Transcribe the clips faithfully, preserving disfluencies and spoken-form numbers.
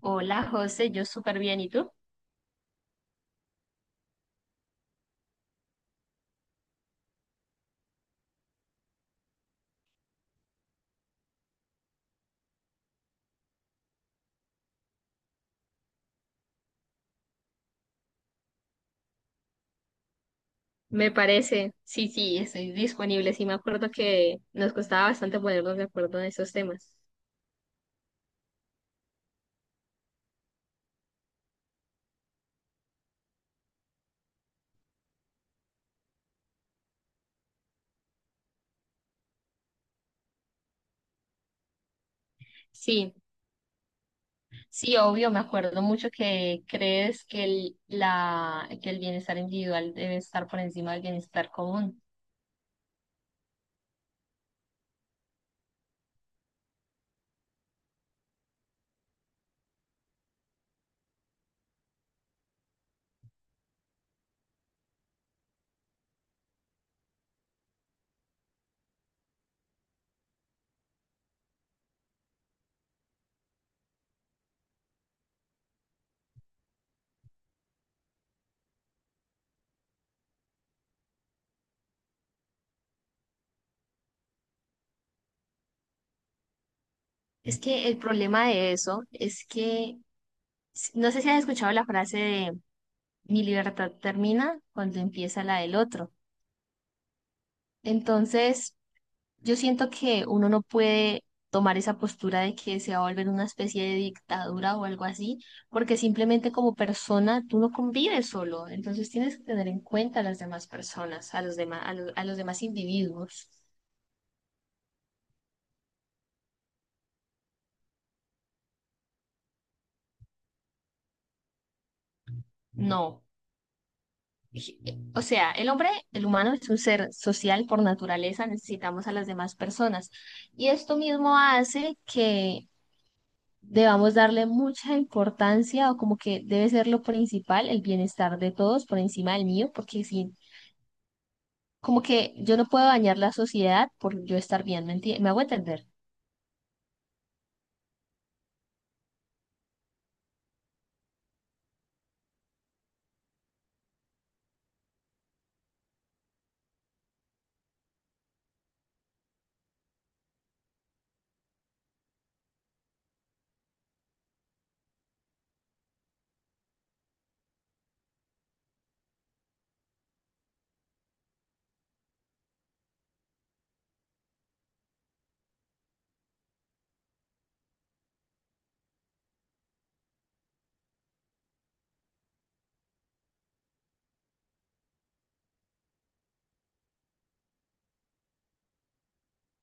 Hola José, yo súper bien, ¿y tú? Me parece, sí, sí, estoy disponible. Sí, me acuerdo que nos costaba bastante ponernos de acuerdo en esos temas. Sí, sí, obvio, me acuerdo mucho que crees que el, la, que el bienestar individual debe estar por encima del bienestar común. Es que el problema de eso es que no sé si has escuchado la frase de mi libertad termina cuando empieza la del otro. Entonces, yo siento que uno no puede tomar esa postura de que se va a volver una especie de dictadura o algo así, porque simplemente como persona tú no convives solo, entonces tienes que tener en cuenta a las demás personas, a los demás, a los, a los demás individuos. No. O sea, el hombre, el humano es un ser social por naturaleza, necesitamos a las demás personas. Y esto mismo hace que debamos darle mucha importancia o como que debe ser lo principal, el bienestar de todos por encima del mío, porque si, como que yo no puedo dañar la sociedad por yo estar bien, ¿me enti- ¿me hago entender?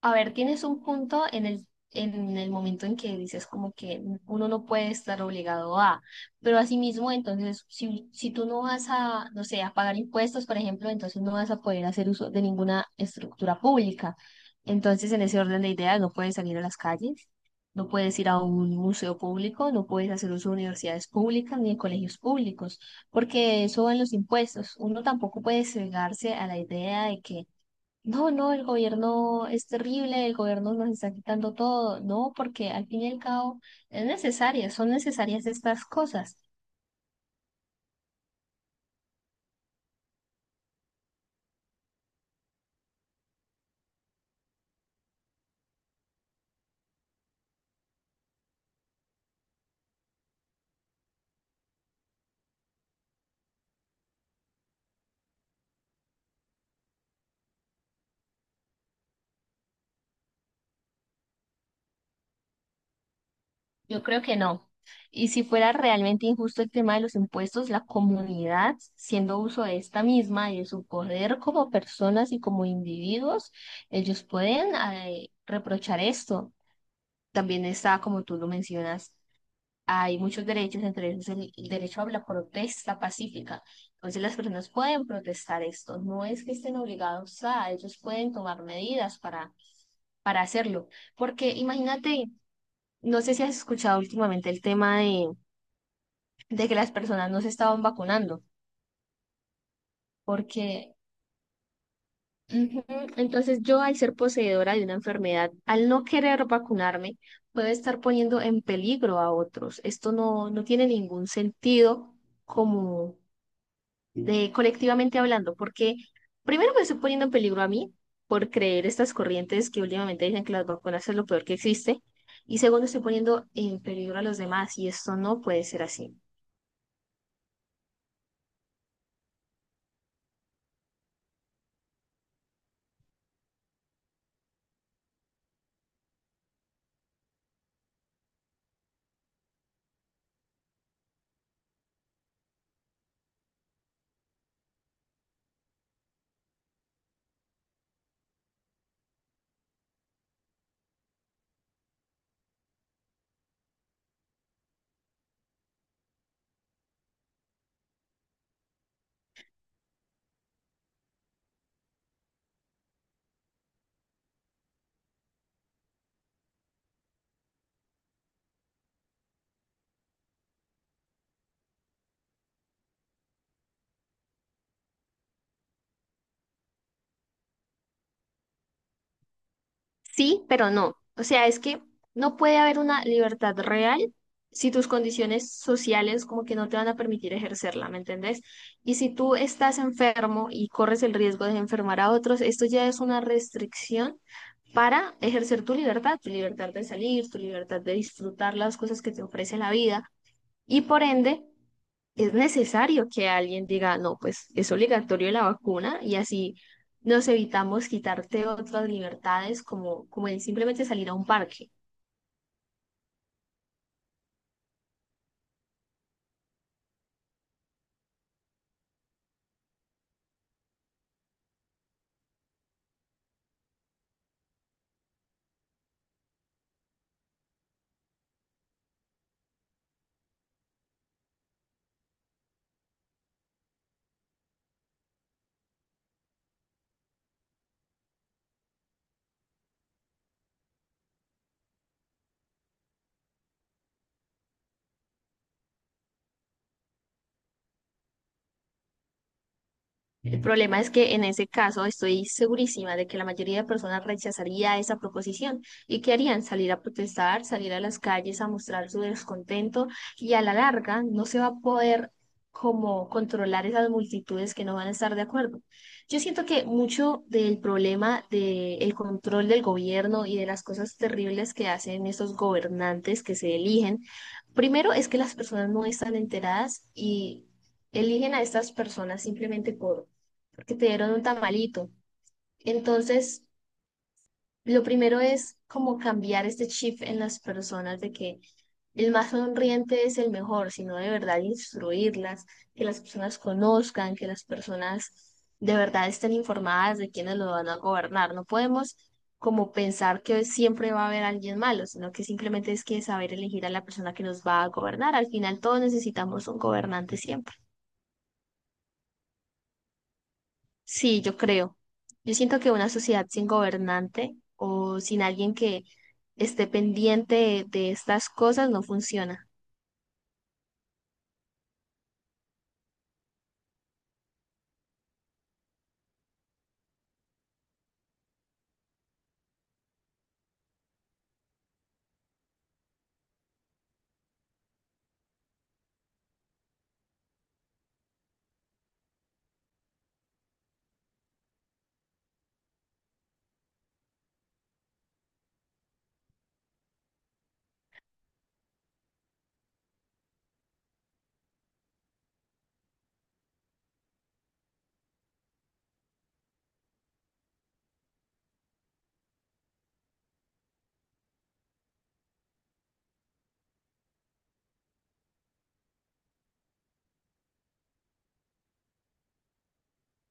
A ver, tienes un punto en el, en el momento en que dices como que uno no puede estar obligado a, pero asimismo, entonces, si, si tú no vas a, no sé, a pagar impuestos, por ejemplo, entonces no vas a poder hacer uso de ninguna estructura pública. Entonces, en ese orden de ideas, no puedes salir a las calles, no puedes ir a un museo público, no puedes hacer uso de universidades públicas ni de colegios públicos, porque eso va en los impuestos. Uno tampoco puede cegarse a la idea de que no, no, el gobierno es terrible, el gobierno nos está quitando todo, no, porque al fin y al cabo es necesaria, son necesarias estas cosas. Yo creo que no. Y si fuera realmente injusto el tema de los impuestos, la comunidad, siendo uso de esta misma y de su poder como personas y como individuos, ellos pueden eh, reprochar esto. También está, como tú lo mencionas, hay muchos derechos, entre ellos el derecho a la protesta pacífica. Entonces las personas pueden protestar esto, no es que estén obligados a, ellos pueden tomar medidas para, para hacerlo. Porque imagínate, no sé si has escuchado últimamente el tema de, de que las personas no se estaban vacunando, porque ujú, entonces yo al ser poseedora de una enfermedad, al no querer vacunarme, puedo estar poniendo en peligro a otros. Esto no, no tiene ningún sentido como de colectivamente hablando, porque primero me estoy poniendo en peligro a mí por creer estas corrientes que últimamente dicen que las vacunas es lo peor que existe, y segundo estoy poniendo en peligro a los demás y esto no puede ser así. Sí, pero no. O sea, es que no puede haber una libertad real si tus condiciones sociales como que no te van a permitir ejercerla, ¿me entendés? Y si tú estás enfermo y corres el riesgo de enfermar a otros, esto ya es una restricción para ejercer tu libertad, tu libertad de salir, tu libertad de disfrutar las cosas que te ofrece la vida y por ende es necesario que alguien diga, no, pues es obligatorio la vacuna y así nos evitamos quitarte otras libertades como, como el simplemente salir a un parque. El problema es que en ese caso estoy segurísima de que la mayoría de personas rechazaría esa proposición y que harían salir a protestar, salir a las calles a mostrar su descontento y a la larga no se va a poder como controlar esas multitudes que no van a estar de acuerdo. Yo siento que mucho del problema del control del gobierno y de las cosas terribles que hacen estos gobernantes que se eligen, primero es que las personas no están enteradas y eligen a estas personas simplemente por porque te dieron un tamalito. Entonces, lo primero es como cambiar este chip en las personas de que el más sonriente es el mejor, sino de verdad instruirlas, que las personas conozcan, que las personas de verdad estén informadas de quiénes lo van a gobernar. No podemos como pensar que siempre va a haber alguien malo, sino que simplemente es que saber elegir a la persona que nos va a gobernar. Al final todos necesitamos un gobernante siempre. Sí, yo creo. Yo siento que una sociedad sin gobernante o sin alguien que esté pendiente de, de estas cosas no funciona.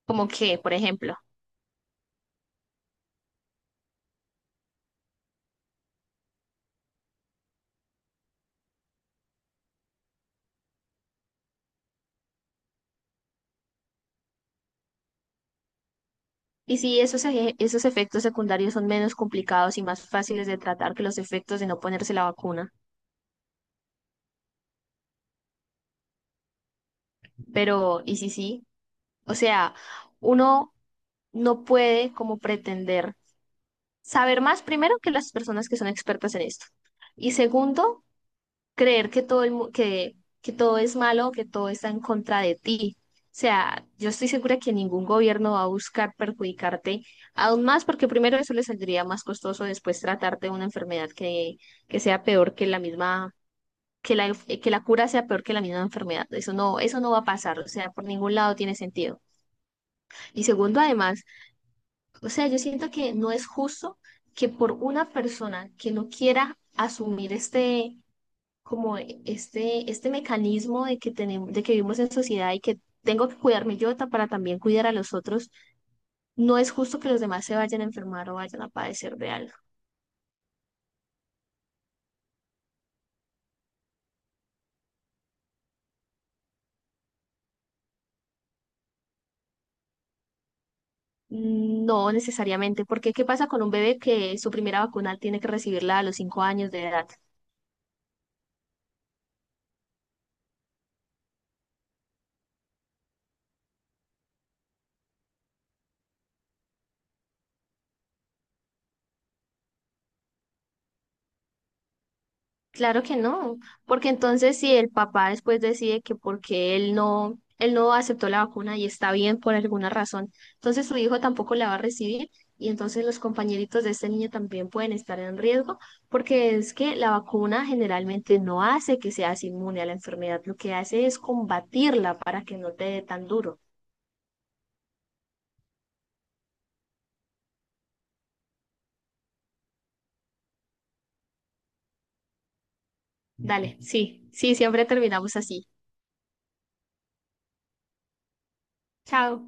Como que, por ejemplo, y si esos, eje- esos efectos secundarios son menos complicados y más fáciles de tratar que los efectos de no ponerse la vacuna. Pero, ¿y si sí? O sea, uno no puede como pretender saber más primero que las personas que son expertas en esto. Y segundo, creer que todo el, mu- que, que todo es malo, que todo está en contra de ti. O sea, yo estoy segura que ningún gobierno va a buscar perjudicarte aún más, porque primero eso le saldría más costoso después tratarte de una enfermedad que, que sea peor que la misma, que la, enf- que la cura sea peor que la misma enfermedad. Eso no, eso no va a pasar, o sea, por ningún lado tiene sentido. Y segundo, además, o sea, yo siento que no es justo que por una persona que no quiera asumir este como este, este mecanismo de que tenemos, de que vivimos en sociedad y que tengo que cuidarme yo ta- para también cuidar a los otros, no es justo que los demás se vayan a enfermar o vayan a padecer de algo. Mm, no necesariamente, porque ¿qué pasa con un bebé que su primera vacuna tiene que recibirla a los cinco años de edad? Claro que no, porque entonces si el papá después decide que porque él no, él no aceptó la vacuna y está bien por alguna razón, entonces su hijo tampoco la va a recibir y entonces los compañeritos de este niño también pueden estar en riesgo, porque es que la vacuna generalmente no hace que seas inmune a la enfermedad, lo que hace es combatirla para que no te dé tan duro. Dale, sí, sí, siempre terminamos así. Chao.